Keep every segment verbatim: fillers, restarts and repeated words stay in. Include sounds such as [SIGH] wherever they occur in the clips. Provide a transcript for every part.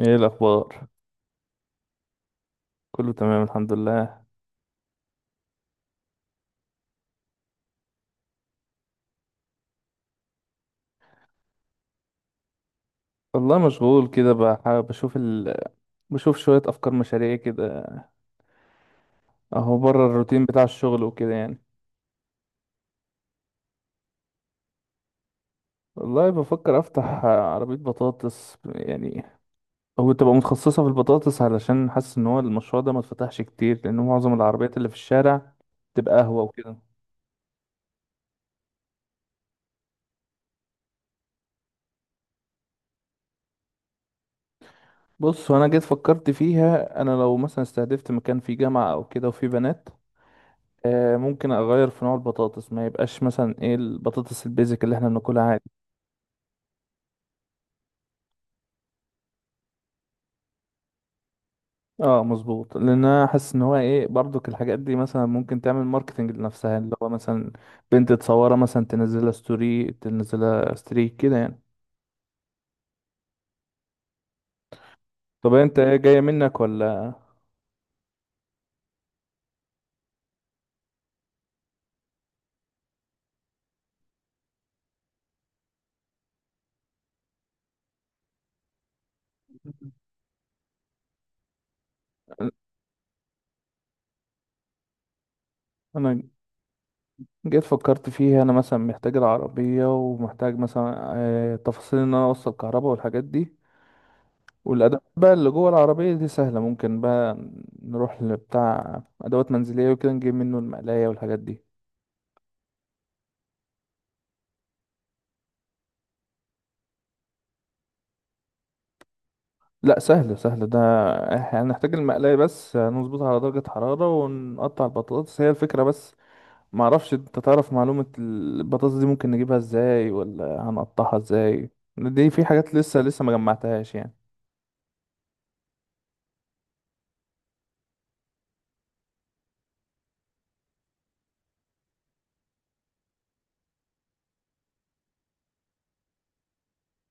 ايه الاخبار؟ كله تمام الحمد لله. والله مشغول كده، بح- بشوف ال... بشوف شوية افكار مشاريع كده، اهو بره الروتين بتاع الشغل وكده يعني. والله بفكر افتح عربية بطاطس يعني، هو تبقى متخصصة في البطاطس علشان حاسس ان هو المشروع ده ما اتفتحش كتير، لان معظم العربيات اللي في الشارع تبقى قهوة وكده. بص، وانا جيت فكرت فيها، انا لو مثلا استهدفت مكان فيه جامعة او كده وفيه بنات، آه، ممكن اغير في نوع البطاطس، ما يبقاش مثلا ايه البطاطس البيزك اللي احنا بناكلها عادي. اه مظبوط، لان انا حاسس ان هو ايه برضك الحاجات دي مثلا ممكن تعمل ماركتنج لنفسها، اللي هو مثلا بنت تصورها مثلا تنزلها ستوري تنزلها ستريك كده يعني. طب انت ايه جاية منك ولا؟ انا جيت فكرت فيها، انا مثلا محتاج العربية ومحتاج مثلا آه، تفاصيل ان انا اوصل كهرباء والحاجات دي، والادوات بقى اللي جوه العربيه دي سهله، ممكن بقى نروح لبتاع ادوات منزليه وكده نجيب منه المقلايه والحاجات دي. لا سهل سهل ده، احنا هنحتاج المقلايه بس نظبطها على درجه حراره ونقطع البطاطس، هي الفكره بس. ما اعرفش، انت تعرف معلومه البطاطس دي ممكن نجيبها ازاي ولا هنقطعها ازاي؟ دي في حاجات لسه لسه ما جمعتهاش.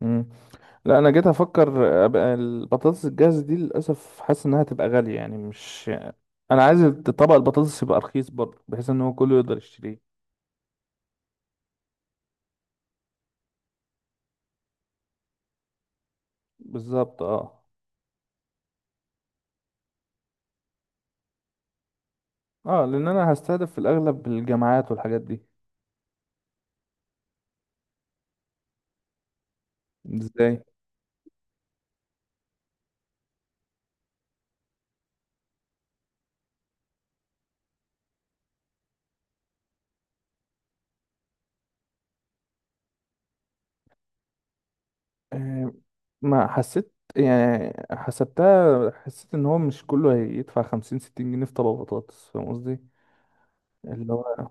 يعني لا انا جيت افكر، ابقى البطاطس الجاهزه دي للاسف حاسس انها هتبقى غاليه، يعني مش انا عايز طبق البطاطس يبقى رخيص برضه بحيث ان هو كله يقدر يشتريه. بالظبط اه. اه لان انا هستهدف في الاغلب الجامعات والحاجات دي. ازاي؟ آه، ما حسيت، يعني حسبتها، حسيت ان هو مش كله هيدفع خمسين ستين جنيه في طبق بطاطس، فاهم قصدي؟ اللي هو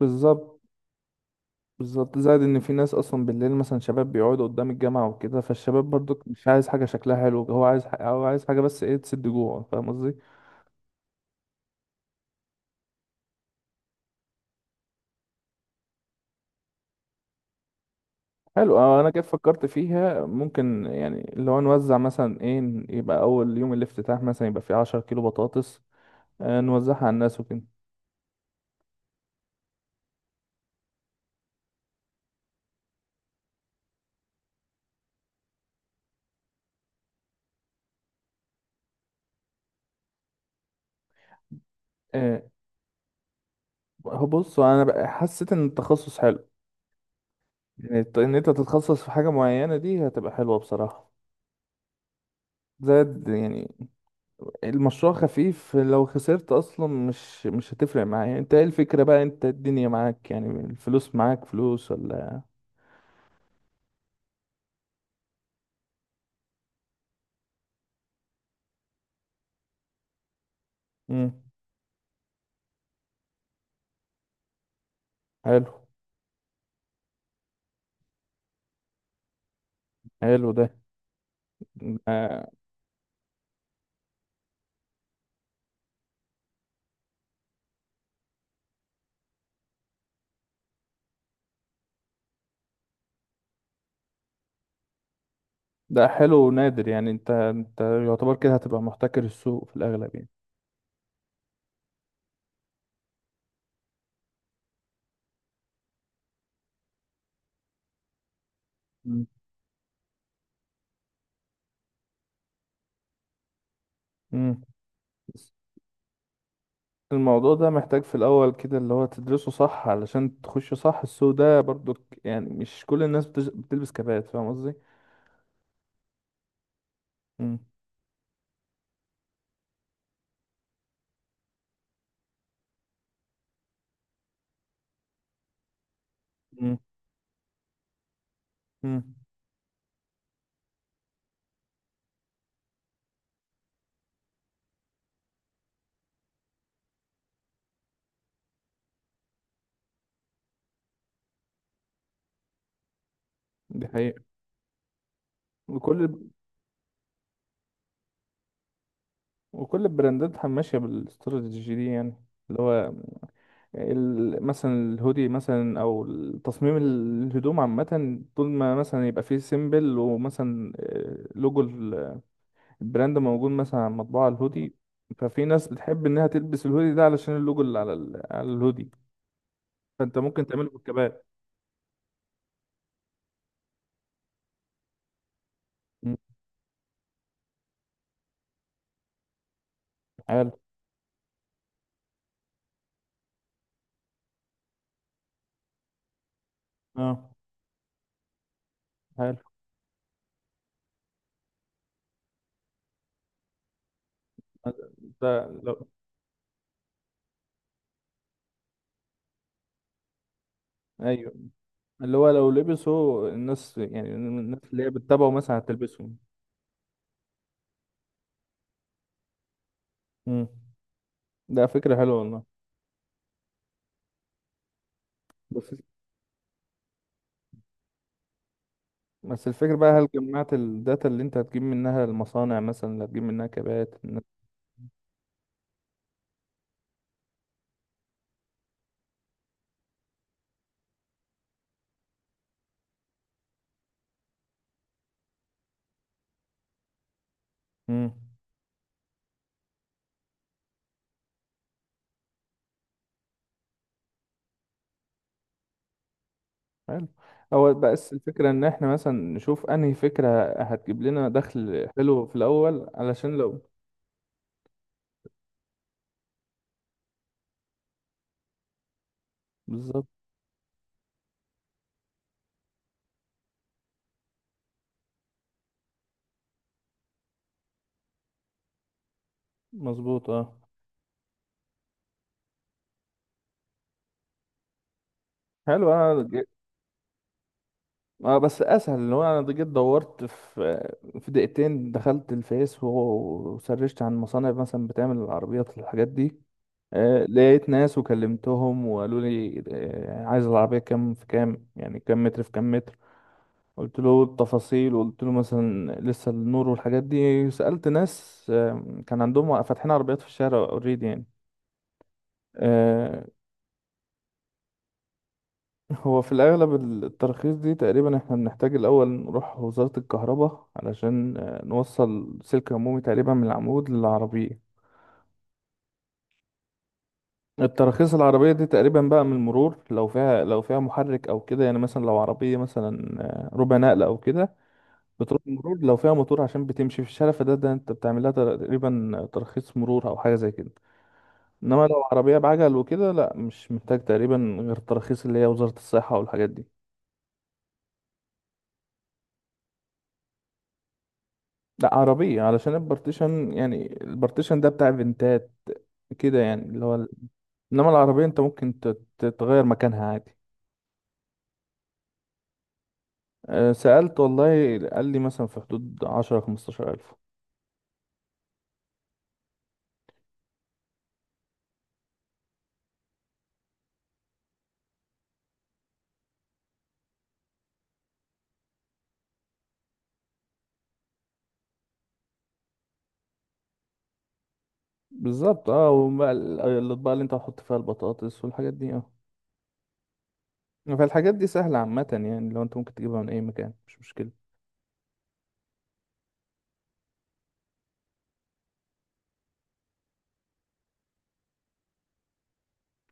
بالظبط. بالظبط زائد ان في ناس اصلا بالليل مثلا شباب بيقعدوا قدام الجامعه وكده، فالشباب برضو مش عايز حاجه شكلها حلو، هو عايز ح- هو عايز حاجه بس ايه تسد جوعه، فاهم قصدي؟ حلو. آه، انا كيف فكرت فيها ممكن يعني لو نوزع مثلا ايه، يبقى اول يوم الافتتاح مثلا يبقى فيه عشرة كيلو بطاطس، آه، نوزعها على الناس وكده. آه، هو بص انا بقى حسيت ان التخصص حلو، يعني الت- ان انت تتخصص في حاجه معينه دي هتبقى حلوه بصراحه. زائد يعني المشروع خفيف، لو خسرت اصلا مش مش هتفرق معايا، انت ايه الفكرة بقى، انت الدنيا معاك يعني الفلوس معاك، فلوس ولا؟ امم. حلو. حلو ده ده ده حلو ونادر، يعني انت انت يعتبر كده هتبقى محتكر السوق في الاغلب يعني. مم. امم الموضوع ده محتاج في الاول كده اللي هو تدرسه صح علشان تخش صح السوق ده برضو، ك- يعني مش كل الناس بتج- بتلبس كبات، فاهم قصدي؟ امم. مم. امم. دي حقيقة. وكل وكل البراندات ماشية بالاستراتيجي دي، يعني اللي هو ال- مثلا الهودي مثلا او تصميم الهدوم عامة، طول ما مثلا يبقى فيه سيمبل ومثلا آه، لوجو ال- البراند موجود مثلا على مطبوع الهودي، ففي ناس بتحب انها تلبس الهودي ده علشان اللوجو اللي على ال- على الهودي. فانت ممكن تعمله بالكبات. مم. حلو. اه. حلو ده. لو ايوه، اللي هو لو لبسه الناس، يعني الناس اللي هي بتتابعه مثلا هتلبسه. مم. ده فكرة حلوة والله. بس بس الفكرة بقى، هل جمعت الداتا اللي انت هتجيب منها المصانع مثلا اللي هتجيب منها كبات؟ امم. حلو. هو بس الفكرة ان احنا مثلا نشوف انهي فكرة هتجيب لنا دخل حلو في الاول علشان لو. بالظبط. مظبوط اه. حلو انا ج- اه بس اسهل، اللي هو انا جيت دورت في في دقيقتين، دخلت الفيس و- وسرشت عن مصانع مثلا بتعمل العربيات والحاجات دي. آه، لقيت ناس وكلمتهم وقالوا لي آه، عايز العربية كام في كام، يعني كام متر في كام متر. قلت له التفاصيل وقلت له مثلا لسه النور والحاجات دي، سألت ناس آه، كان عندهم فاتحين عربيات في الشارع اوريدي يعني. آه، [LAUGHS] هو في الأغلب التراخيص دي تقريبا احنا بنحتاج الأول نروح وزارة الكهرباء، علشان آه، نوصل سلك عمومي تقريبا من العمود للعربية. التراخيص العربية دي تقريبا بقى من المرور، لو فيها لو فيها محرك أو كده، يعني مثلا لو عربية مثلا آه، ربع نقل أو كده، بتروح المرور لو فيها موتور عشان بتمشي في الشارع، فده ده أنت بتعمل لها تقريبا ترخيص مرور أو حاجة زي كده. إنما لو عربية بعجل وكده لا، مش محتاج تقريبا غير التراخيص اللي هي وزارة الصحة والحاجات دي. لا عربية، علشان البارتيشن يعني البارتيشن ده بتاع فنتات كده يعني، اللي هو ال- إنما العربية أنت ممكن تت- تتغير مكانها عادي. آه، سألت والله، قال لي مثلا في حدود عشرة خمستاشر ألف. بالظبط اه، وبقى ال- الأطباق اللي انت هتحط فيها البطاطس والحاجات دي اه. فالحاجات دي سهلة عامة، يعني لو انت ممكن تجيبها من أي مكان مش مشكلة.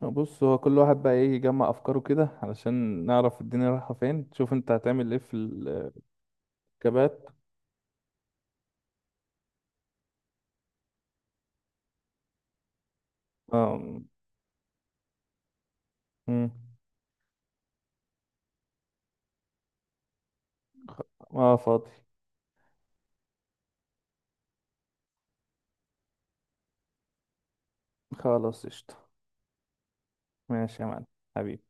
آه، بص، هو كل واحد بقى ايه يجمع أفكاره كده علشان نعرف الدنيا رايحة فين، تشوف انت هتعمل ايه في الكبات. اه. مم. اه فاضي. خلاص قشطة. ماشي يا معلم. حبيبي.